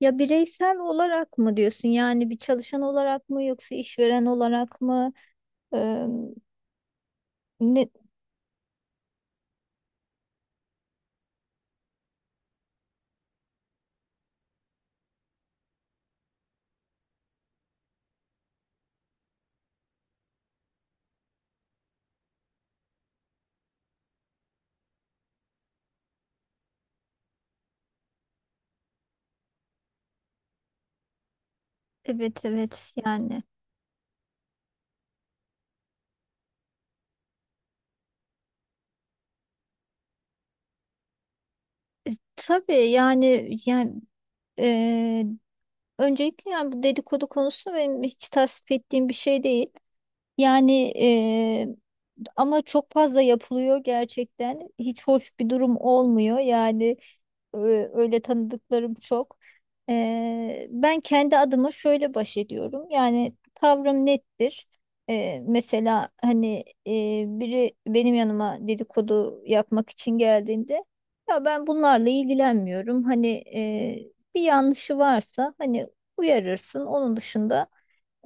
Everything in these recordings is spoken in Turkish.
Ya bireysel olarak mı diyorsun? Yani bir çalışan olarak mı yoksa işveren olarak mı? Eee, Ne? Evet, evet. E, tabii yani yani eee, Öncelikle yani bu dedikodu konusu benim hiç tasvip ettiğim bir şey değil. Yani eee, Ama çok fazla yapılıyor gerçekten. Hiç hoş bir durum olmuyor. Öyle tanıdıklarım çok. Ben kendi adıma şöyle baş ediyorum. Yani tavrım nettir. Mesela hani, biri benim yanıma dedikodu yapmak için geldiğinde, ya ben bunlarla ilgilenmiyorum. Hani, bir yanlışı varsa hani uyarırsın. Onun dışında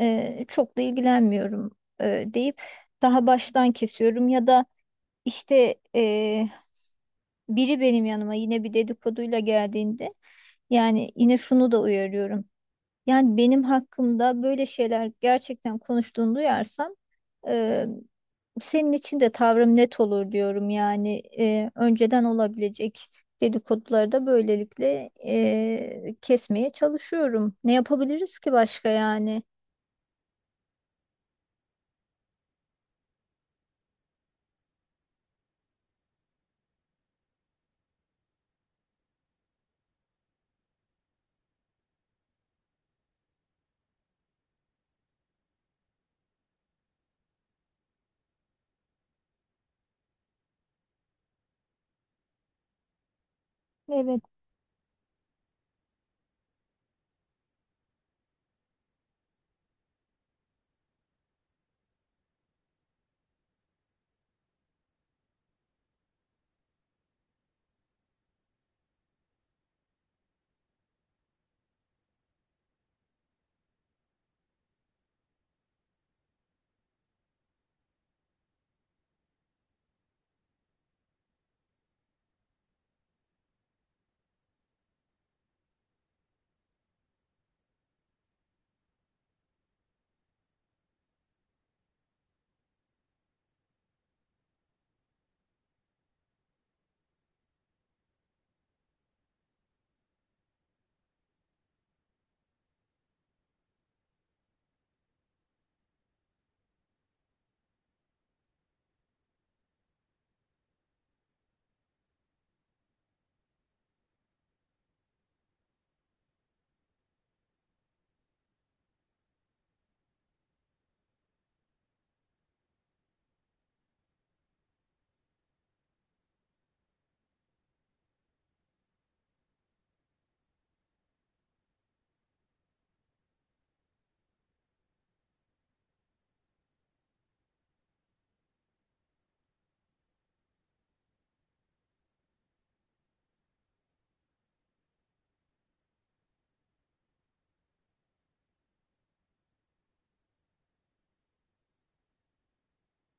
çok da ilgilenmiyorum deyip daha baştan kesiyorum, ya da işte, biri benim yanıma yine bir dedikoduyla geldiğinde yani yine şunu da uyarıyorum. Yani benim hakkımda böyle şeyler gerçekten konuştuğunu duyarsam, e, senin için de tavrım net olur diyorum. Yani, önceden olabilecek dedikoduları da böylelikle kesmeye çalışıyorum. Ne yapabiliriz ki başka yani? Evet,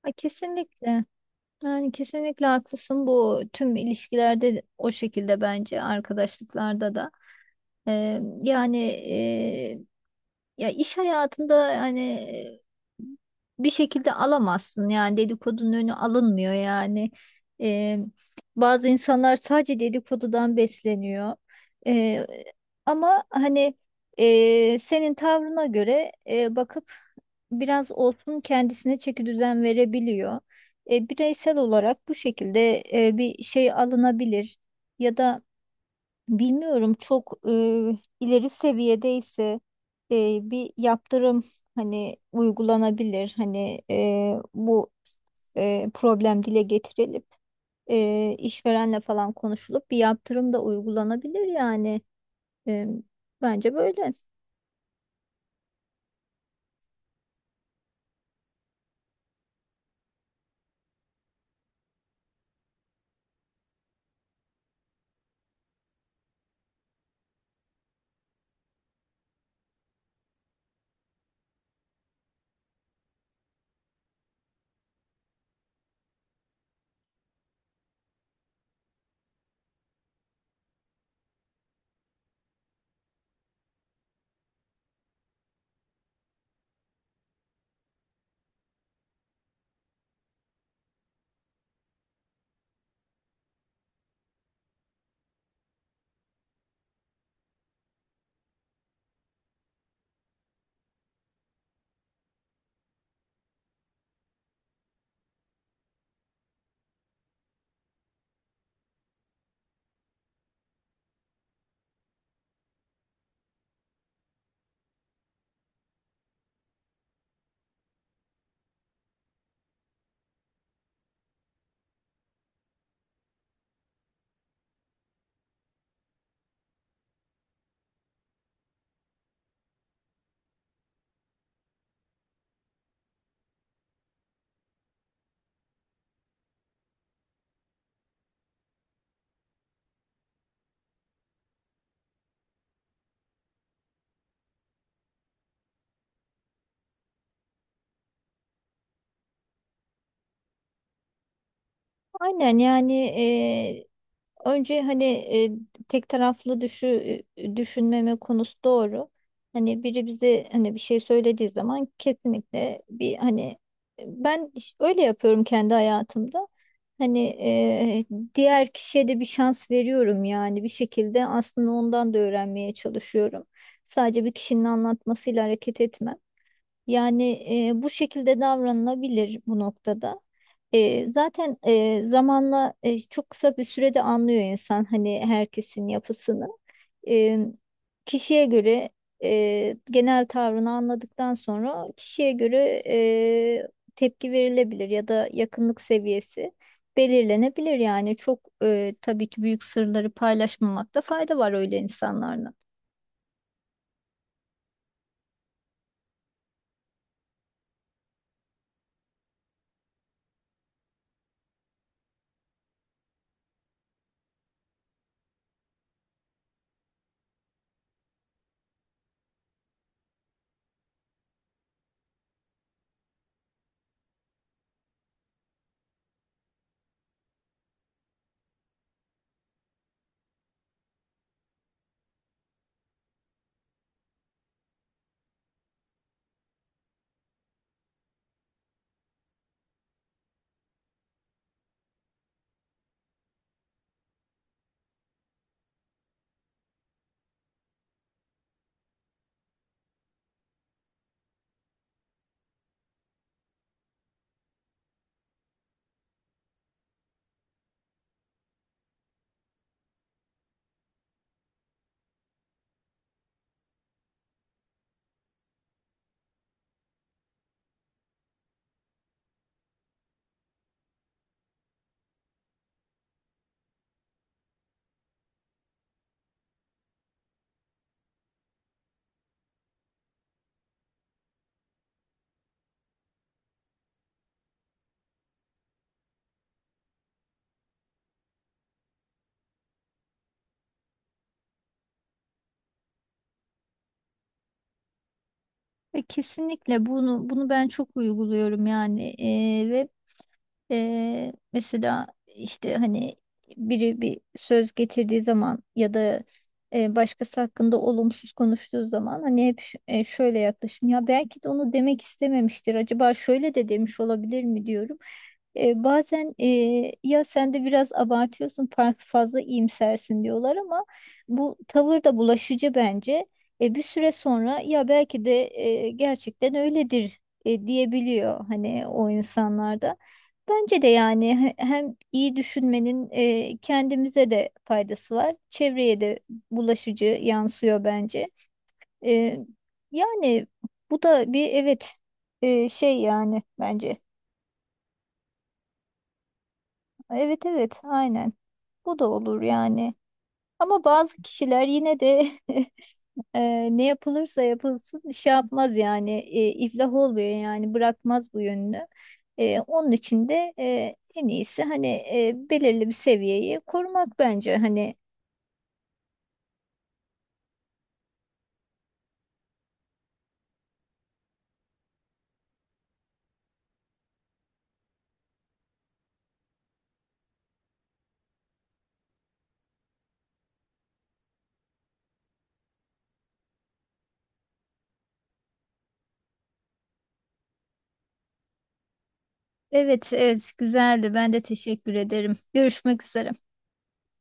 ha, kesinlikle. Yani kesinlikle haklısın. Bu tüm ilişkilerde o şekilde, bence arkadaşlıklarda da. Yani ya iş hayatında hani bir şekilde alamazsın, yani dedikodunun önü alınmıyor yani. Ee, Bazı insanlar sadece dedikodudan besleniyor. Ee, Ama hani, senin tavrına göre bakıp biraz olsun kendisine çeki düzen verebiliyor. Bireysel olarak bu şekilde bir şey alınabilir, ya da bilmiyorum, çok ileri seviyedeyse bir yaptırım hani uygulanabilir. Hani, bu problem dile getirilip işverenle falan konuşulup bir yaptırım da uygulanabilir yani. E, Bence böyle. Aynen yani. Önce hani e, tek taraflı düşü, e, düşünmeme konusu doğru. Hani biri bize hani bir şey söylediği zaman, kesinlikle bir hani, öyle yapıyorum kendi hayatımda. Hani, diğer kişiye de bir şans veriyorum, yani bir şekilde aslında ondan da öğrenmeye çalışıyorum. Sadece bir kişinin anlatmasıyla hareket etmem. Yani, bu şekilde davranılabilir bu noktada. Zaten zamanla, çok kısa bir sürede anlıyor insan hani herkesin yapısını. E, Kişiye göre genel tavrını anladıktan sonra, kişiye göre tepki verilebilir ya da yakınlık seviyesi belirlenebilir. Yani, tabii ki büyük sırları paylaşmamakta fayda var öyle insanlarla. Kesinlikle bunu ben çok uyguluyorum yani. E, ve. Mesela işte hani biri bir söz getirdiği zaman, ya da başkası hakkında olumsuz konuştuğu zaman, hani hep şöyle yaklaşım ya belki de onu demek istememiştir, acaba şöyle de demiş olabilir mi diyorum. Bazen, ya sen de biraz abartıyorsun, fark fazla iyimsersin diyorlar, ama bu tavır da bulaşıcı bence. Bir süre sonra, ya belki de gerçekten öyledir diyebiliyor hani o insanlarda. Bence de yani hem iyi düşünmenin kendimize de faydası var. Çevreye de bulaşıcı yansıyor bence. E, yani bu da bir, evet, şey yani bence. Evet, evet, aynen. Bu da olur yani. Ama bazı kişiler yine de Ee, ne yapılırsa yapılsın şey yapmaz yani, iflah olmuyor yani, bırakmaz bu yönünü. Onun için de en iyisi hani belirli bir seviyeyi korumak bence hani. Evet, evet, güzeldi, ben de teşekkür ederim. Görüşmek üzere.